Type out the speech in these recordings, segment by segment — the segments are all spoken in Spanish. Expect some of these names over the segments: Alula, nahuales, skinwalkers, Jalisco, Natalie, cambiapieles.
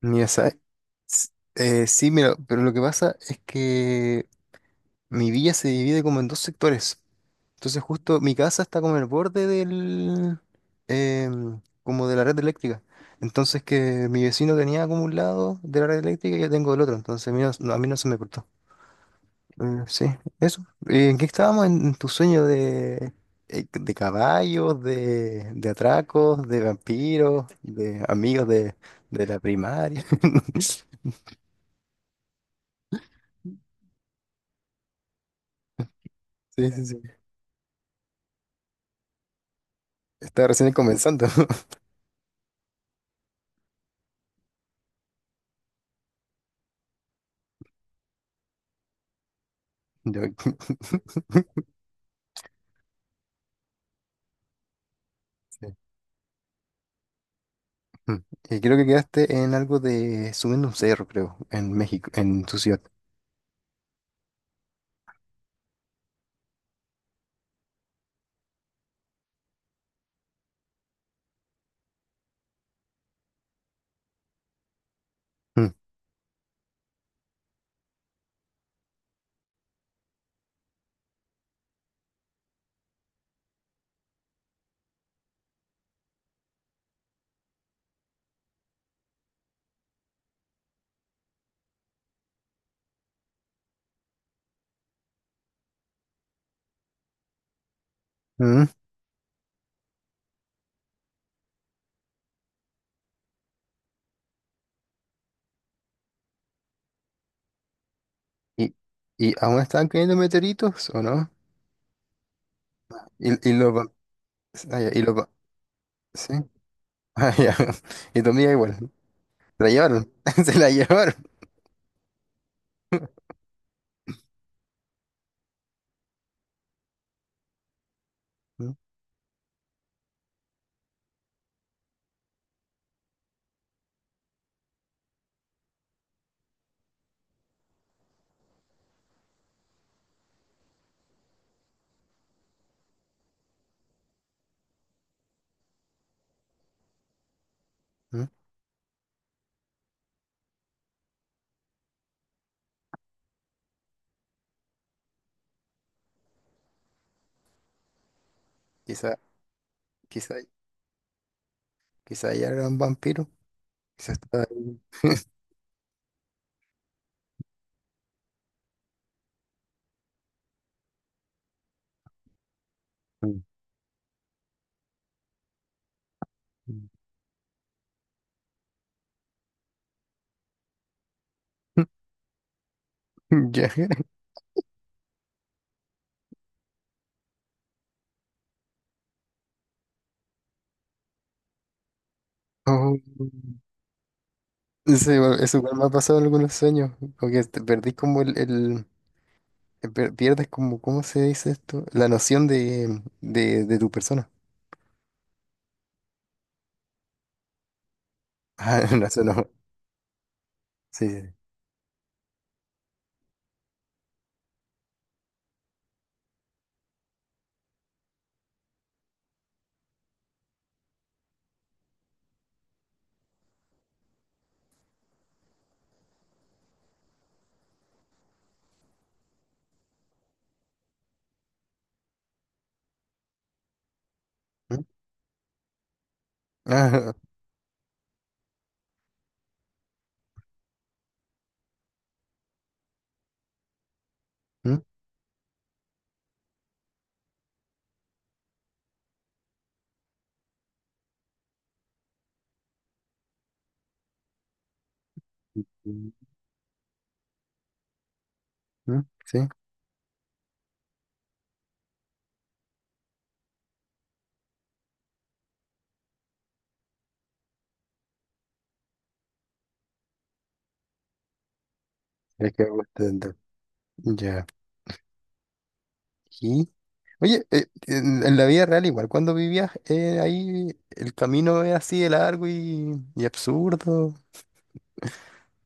Mira, s- sí, mira, pero lo que pasa es que mi villa se divide como en dos sectores. Entonces justo mi casa está como en el borde del, como de la red eléctrica. Entonces que mi vecino tenía como un lado de la red eléctrica y yo tengo el otro. Entonces a mí a mí no se me cortó. Sí, eso. ¿En qué estábamos? ¿En tu sueño de caballos, de atracos, de vampiros, de amigos de la primaria? Sí, sí, sí. Está recién comenzando. Yo- Sí. Mm. Y creo que quedaste en algo de subiendo un cerro, creo, en México, en tu ciudad. Mm. Mm. ¿Y, y aún están cayendo meteoritos o no? Y los... va- ah, ya, y los va- ¿Sí? Ah, ya. Y tu amiga igual. Se la llevaron. Se la llevaron. Mm, mm. Quizá, quizá, quizá ya era un vampiro. Quizá estaba ahí. Mm. Ya. Oh. Sí, bueno, eso igual me ha pasado en algunos sueños, porque te perdís como el- per- pierdes como, ¿cómo se dice esto? La noción de tu persona. Ah, no, eso no. Sí. sí, sí. ¿Mm? Ah, ¿mm? ¿Mm? ¿Mm? Sí, es que me gusta tanto. Ya. Y, oye, en la vida real igual, cuando vivías ahí, ¿el camino es así de largo y absurdo?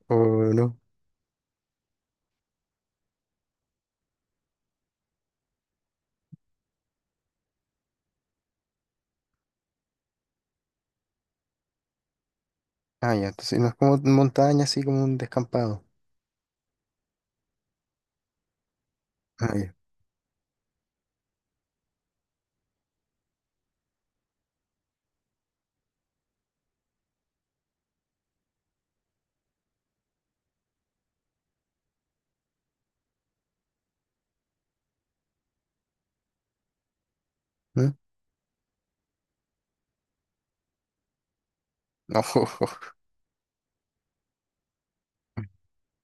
¿O no? Ah, ya, entonces no es como montaña, así como un descampado. Ah, ya. ¿Mm?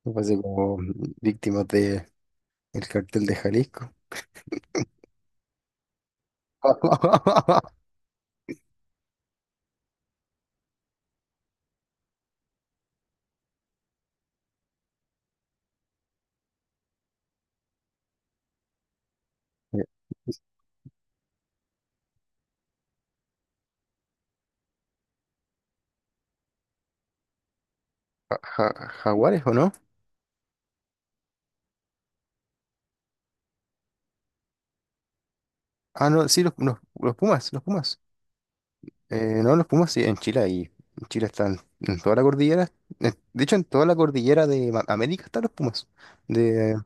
Me parece como víctimas de el cartel de Jalisco. Eh, ¿Jaguares o no? Ah, no, sí, los Pumas, los Pumas. No, los Pumas sí, en Chile y en Chile están en toda la cordillera. En- De hecho, en toda la cordillera de Ma- América están los Pumas. De,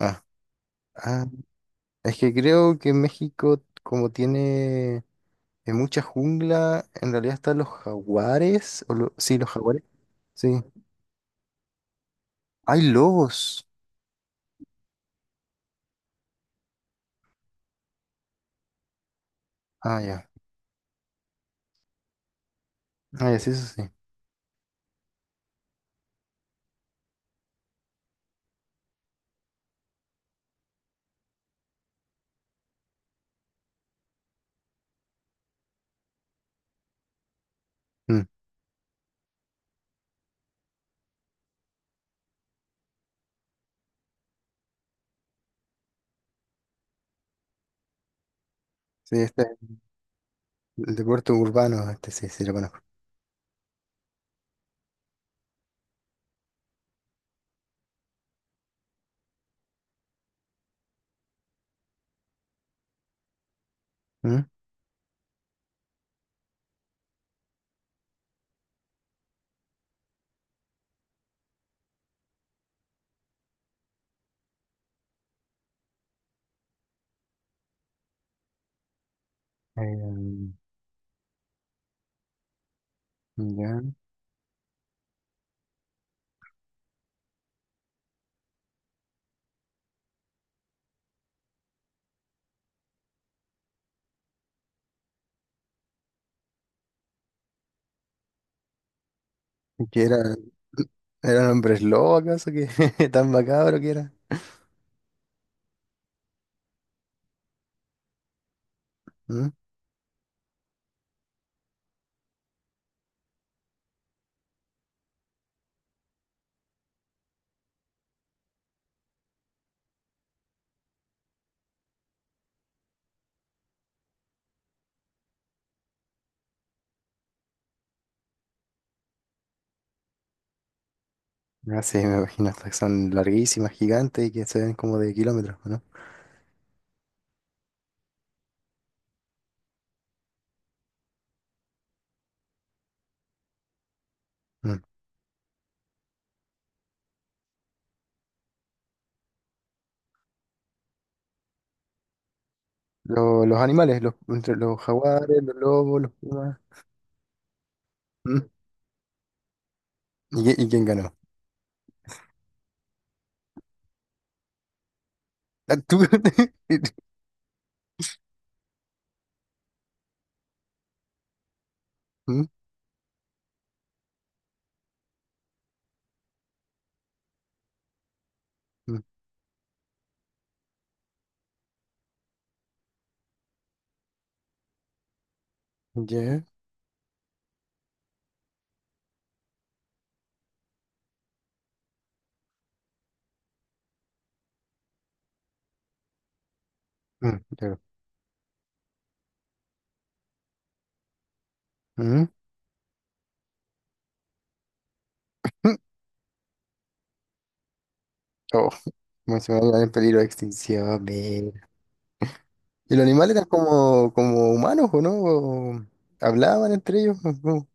ah, ah, es que creo que México, como tiene mucha jungla, en realidad están los jaguares. O lo- sí, los jaguares. Sí. Hay lobos. Ah, ya. Ah, ya, sí, eso sí. Mm. Sí, este es el deporte urbano, este sí, sí lo conozco. ¿Mm? Em, ya. ¿Y qué era? ¿Eran hombres lobo acaso? Que tan macabro que era. ¿Mm? Ah, sí, me imagino, estas que son larguísimas, gigantes y que se ven como de kilómetros, ¿no? Mm. Lo- los animales, los, entre los jaguares, los lobos, los pumas. ¿Mm? ¿Y, qui- y quién ganó? Ah, ¿tú? ¿Mm? ¿Mm? ¿Ya? Mm, claro. ¿Mm? ¿Mm? Oh, como se me va a dar en peligro de extinción, ¿y los animales eran como, como humanos o no? ¿O hablaban entre ellos? ¿O cómo?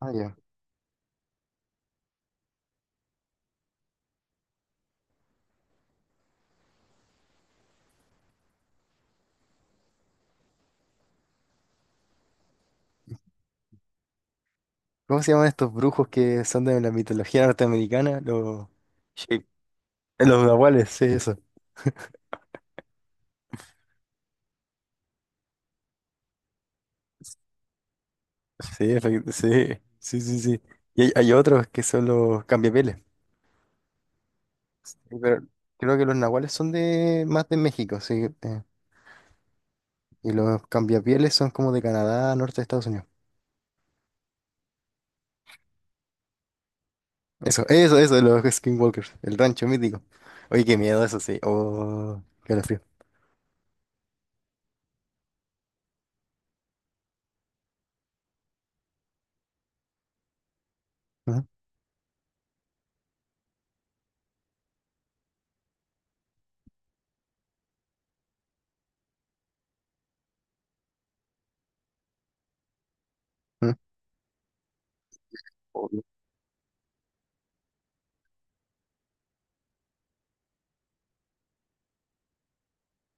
Ah, ya. ¿Cómo se llaman estos brujos que son de la mitología norteamericana? Los shape. Los nahuales, sí, eso. Sí, sí, sí, sí, sí. Y hay otros que son los cambiapieles. Sí, pero creo que los nahuales son de más de México, sí. Eh, y los cambiapieles son como de Canadá, norte de Estados Unidos. Eso, de los skinwalkers, el rancho mítico. Oye, qué miedo eso, sí. Oh, qué frío. Obvio.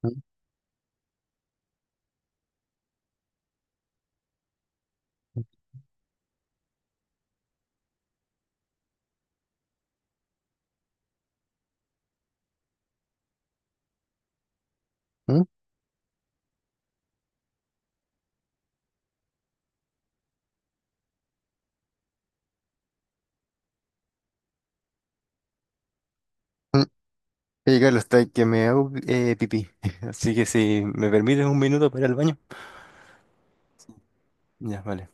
Mm, mm, mm. Oye, Carlos, está que me hago pipí. Así que si me permites un minuto para ir al baño. Ya, vale.